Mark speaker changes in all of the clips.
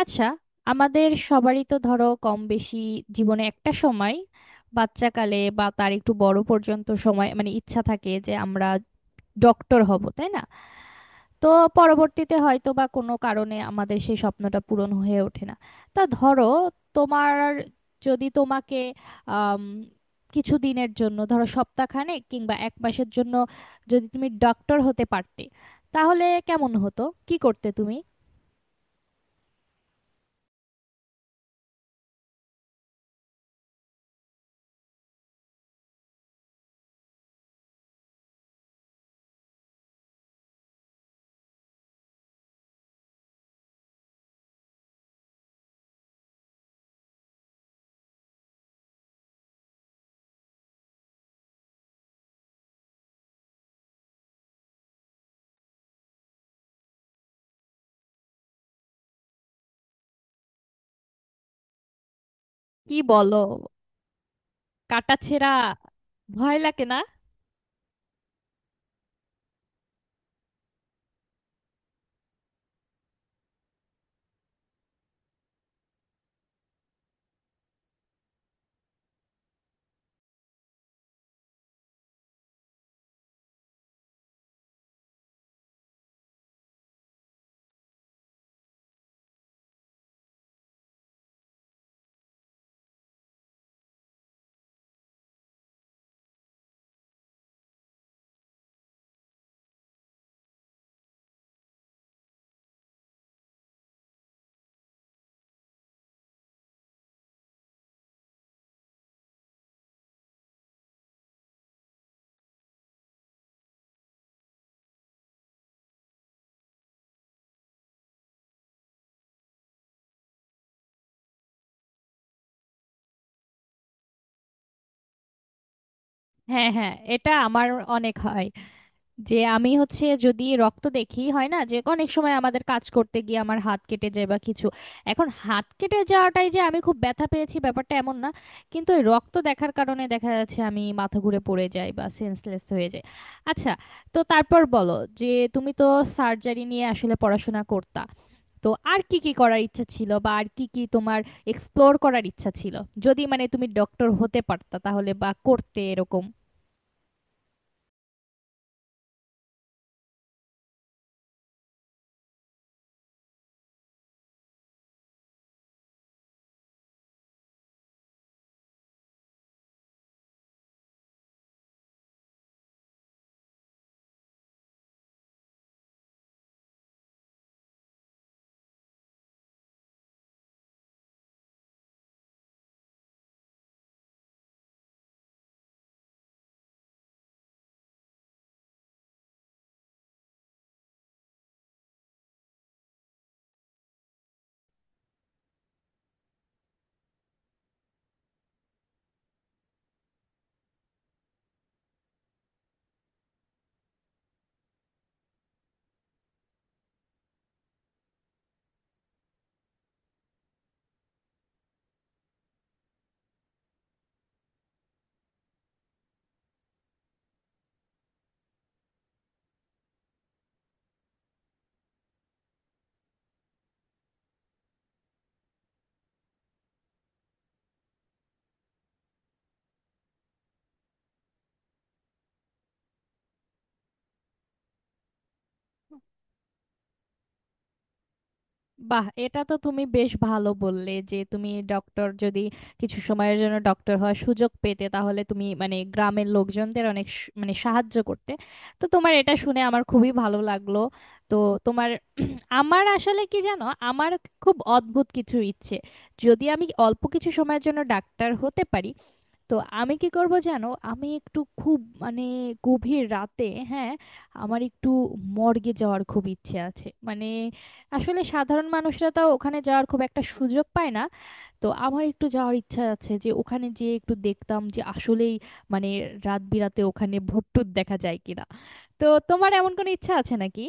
Speaker 1: আচ্ছা, আমাদের সবারই তো ধরো কম বেশি জীবনে একটা সময়, বাচ্চাকালে বা তার একটু বড় পর্যন্ত সময় মানে ইচ্ছা থাকে যে আমরা ডক্টর হব, তাই না? তো পরবর্তীতে হয়তো বা কোনো কারণে আমাদের সেই স্বপ্নটা পূরণ হয়ে ওঠে না। তা ধরো, তোমার, যদি তোমাকে আম, কিছু দিনের জন্য, ধরো সপ্তাহখানেক কিংবা এক মাসের জন্য যদি তুমি ডক্টর হতে পারতে, তাহলে কেমন হতো? কি করতে তুমি? কি বলো, কাটাছেঁড়া ভয় লাগে না? হ্যাঁ, হ্যাঁ, এটা আমার অনেক হয় যে আমি হচ্ছে, যদি রক্ত দেখি, হয় না যে অনেক সময় আমাদের কাজ করতে গিয়ে আমার হাত কেটে যায় বা কিছু। এখন হাত কেটে যাওয়াটাই যে আমি খুব ব্যথা পেয়েছি ব্যাপারটা এমন না, কিন্তু ওই রক্ত দেখার কারণে দেখা যাচ্ছে আমি মাথা ঘুরে পড়ে যাই বা সেন্সলেস হয়ে যাই। আচ্ছা, তো তারপর বলো যে তুমি তো সার্জারি নিয়ে আসলে পড়াশোনা করতা, তো আর কি কি করার ইচ্ছা ছিল বা আর কি কি তোমার এক্সপ্লোর করার ইচ্ছা ছিল যদি মানে তুমি ডক্টর হতে পারতা, তাহলে বা করতে এরকম? বাহ, এটা তো তুমি বেশ ভালো বললে যে তুমি ডক্টর যদি কিছু সময়ের জন্য ডক্টর হওয়ার সুযোগ পেতে তাহলে তুমি মানে গ্রামের লোকজনদের অনেক মানে সাহায্য করতে। তো তোমার এটা শুনে আমার খুবই ভালো লাগলো। তো তোমার, আমার আসলে কি জানো, আমার খুব অদ্ভুত কিছু ইচ্ছে। যদি আমি অল্প কিছু সময়ের জন্য ডাক্তার হতে পারি, তো আমি কি করব জানো, আমি একটু খুব মানে গভীর রাতে, হ্যাঁ, আমার একটু মর্গে যাওয়ার খুব ইচ্ছে আছে। মানে আসলে সাধারণ মানুষরা তাও ওখানে যাওয়ার খুব একটা সুযোগ পায় না। তো আমার একটু যাওয়ার ইচ্ছা আছে যে ওখানে গিয়ে একটু দেখতাম যে আসলেই মানে রাত বিরাতে ওখানে ভূতটুত দেখা যায় কিনা। তো তোমার এমন কোনো ইচ্ছা আছে নাকি?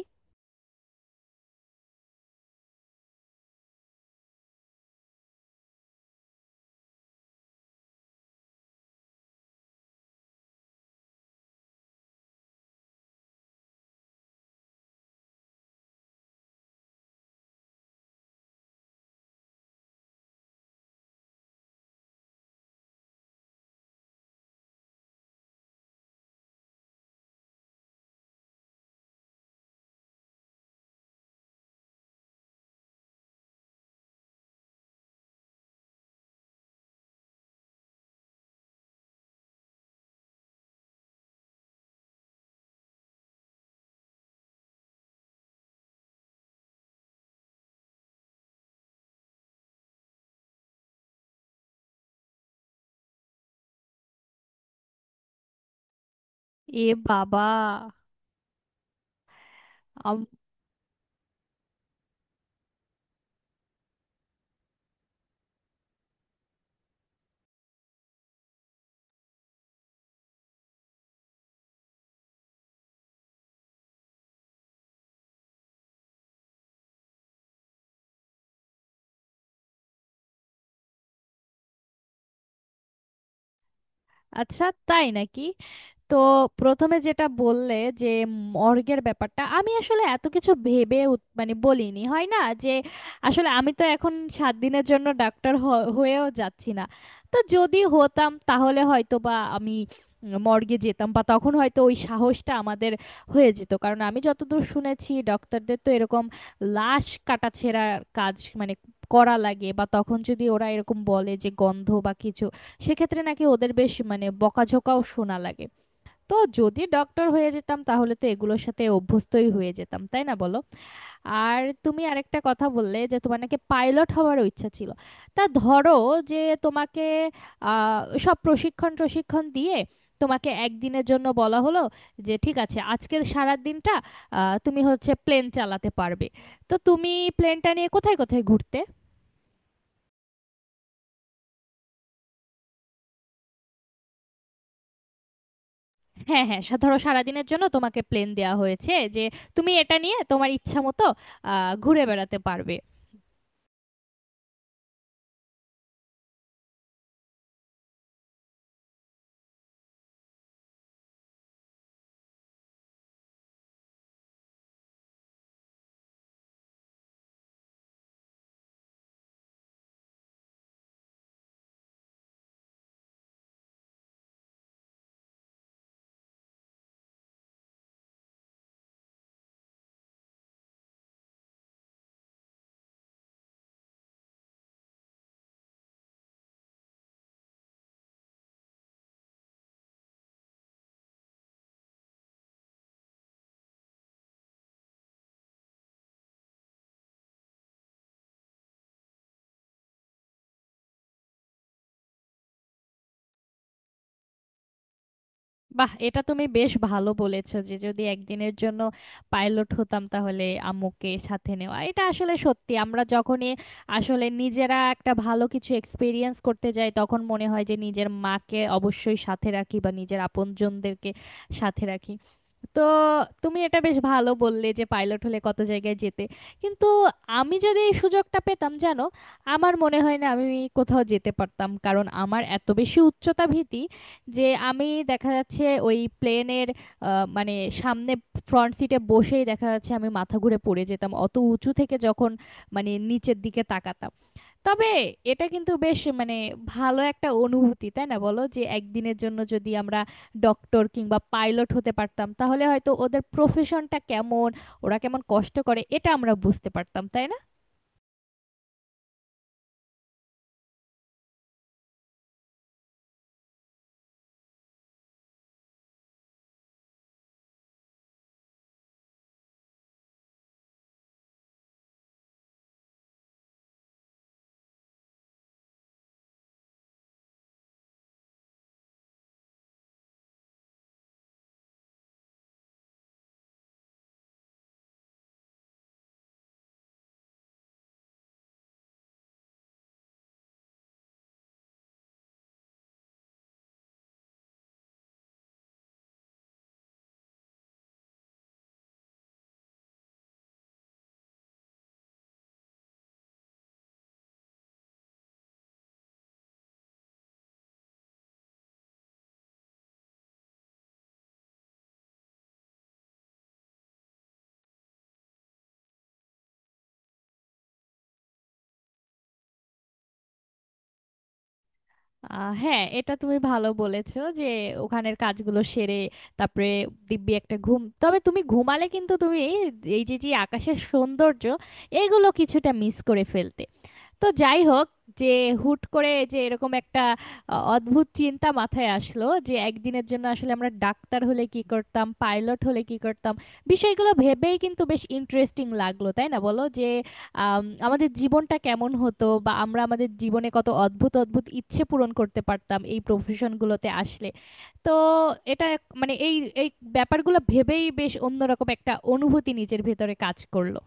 Speaker 1: এ বাবা! আম- আচ্ছা, তাই নাকি? তো প্রথমে যেটা বললে যে মর্গের ব্যাপারটা, আমি আসলে এত কিছু ভেবে মানে বলিনি, হয় না যে আসলে আমি তো এখন সাত দিনের জন্য ডাক্তার হয়েও যাচ্ছি না। তো যদি হতাম তাহলে হয়তো বা আমি মর্গে যেতাম বা তখন হয়তো ওই সাহসটা আমাদের হয়ে যেত, কারণ আমি যতদূর শুনেছি ডক্টরদের তো এরকম লাশ কাটাছেঁড়ার কাজ মানে করা লাগে। বা তখন যদি ওরা এরকম বলে যে গন্ধ বা কিছু, সেক্ষেত্রে নাকি ওদের বেশ মানে বকাঝকাও শোনা লাগে। তো যদি ডক্টর হয়ে যেতাম তাহলে তো এগুলোর সাথে অভ্যস্তই হয়ে যেতাম, তাই না বলো? আর তুমি আরেকটা কথা বললে যে তোমার নাকি পাইলট হওয়ারও ইচ্ছা ছিল। তা ধরো যে তোমাকে সব প্রশিক্ষণ প্রশিক্ষণ দিয়ে তোমাকে একদিনের জন্য বলা হলো যে ঠিক আছে, আজকের সারা দিনটা তুমি হচ্ছে প্লেন চালাতে পারবে। তো তুমি প্লেনটা নিয়ে কোথায় কোথায় ঘুরতে? হ্যাঁ, হ্যাঁ, ধরো সারাদিনের জন্য তোমাকে প্লেন দেওয়া হয়েছে যে তুমি এটা নিয়ে তোমার ইচ্ছা মতো ঘুরে বেড়াতে পারবে। বাহ, এটা তুমি বেশ ভালো বলেছো যে যদি একদিনের জন্য পাইলট হতাম তাহলে আম্মুকে সাথে নেওয়া, এটা আসলে সত্যি। আমরা যখনই আসলে নিজেরা একটা ভালো কিছু এক্সপিরিয়েন্স করতে যাই তখন মনে হয় যে নিজের মাকে অবশ্যই সাথে রাখি বা নিজের আপনজনদেরকে সাথে রাখি। তো তুমি এটা বেশ ভালো বললে যে পাইলট হলে কত জায়গায় যেতে, কিন্তু আমি যদি এই সুযোগটা পেতাম জানো আমার মনে হয় না আমি কোথাও যেতে পারতাম, কারণ আমার এত বেশি উচ্চতা ভীতি যে আমি দেখা যাচ্ছে ওই প্লেনের মানে সামনে ফ্রন্ট সিটে বসেই দেখা যাচ্ছে আমি মাথা ঘুরে পড়ে যেতাম অত উঁচু থেকে যখন মানে নিচের দিকে তাকাতাম। তবে এটা কিন্তু বেশ মানে ভালো একটা অনুভূতি, তাই না বলো? যে একদিনের জন্য যদি আমরা ডক্টর কিংবা পাইলট হতে পারতাম তাহলে হয়তো ওদের প্রফেশনটা কেমন, ওরা কেমন কষ্ট করে এটা আমরা বুঝতে পারতাম, তাই না? হ্যাঁ, এটা তুমি ভালো বলেছো যে ওখানের কাজগুলো সেরে তারপরে দিব্যি একটা ঘুম। তবে তুমি ঘুমালে কিন্তু তুমি এই যে যে আকাশের সৌন্দর্য, এগুলো কিছুটা মিস করে ফেলতে। তো যাই হোক, যে হুট করে যে এরকম একটা অদ্ভুত চিন্তা মাথায় আসলো যে একদিনের জন্য আসলে আমরা ডাক্তার হলে কি করতাম, পাইলট হলে কি করতাম, বিষয়গুলো ভেবেই কিন্তু বেশ ইন্টারেস্টিং লাগলো, তাই না বলো? যে আমাদের জীবনটা কেমন হতো বা আমরা আমাদের জীবনে কত অদ্ভুত অদ্ভুত ইচ্ছে পূরণ করতে পারতাম এই প্রফেশনগুলোতে আসলে। তো এটা মানে এই, এই ব্যাপারগুলো ভেবেই বেশ অন্যরকম একটা অনুভূতি নিজের ভেতরে কাজ করলো।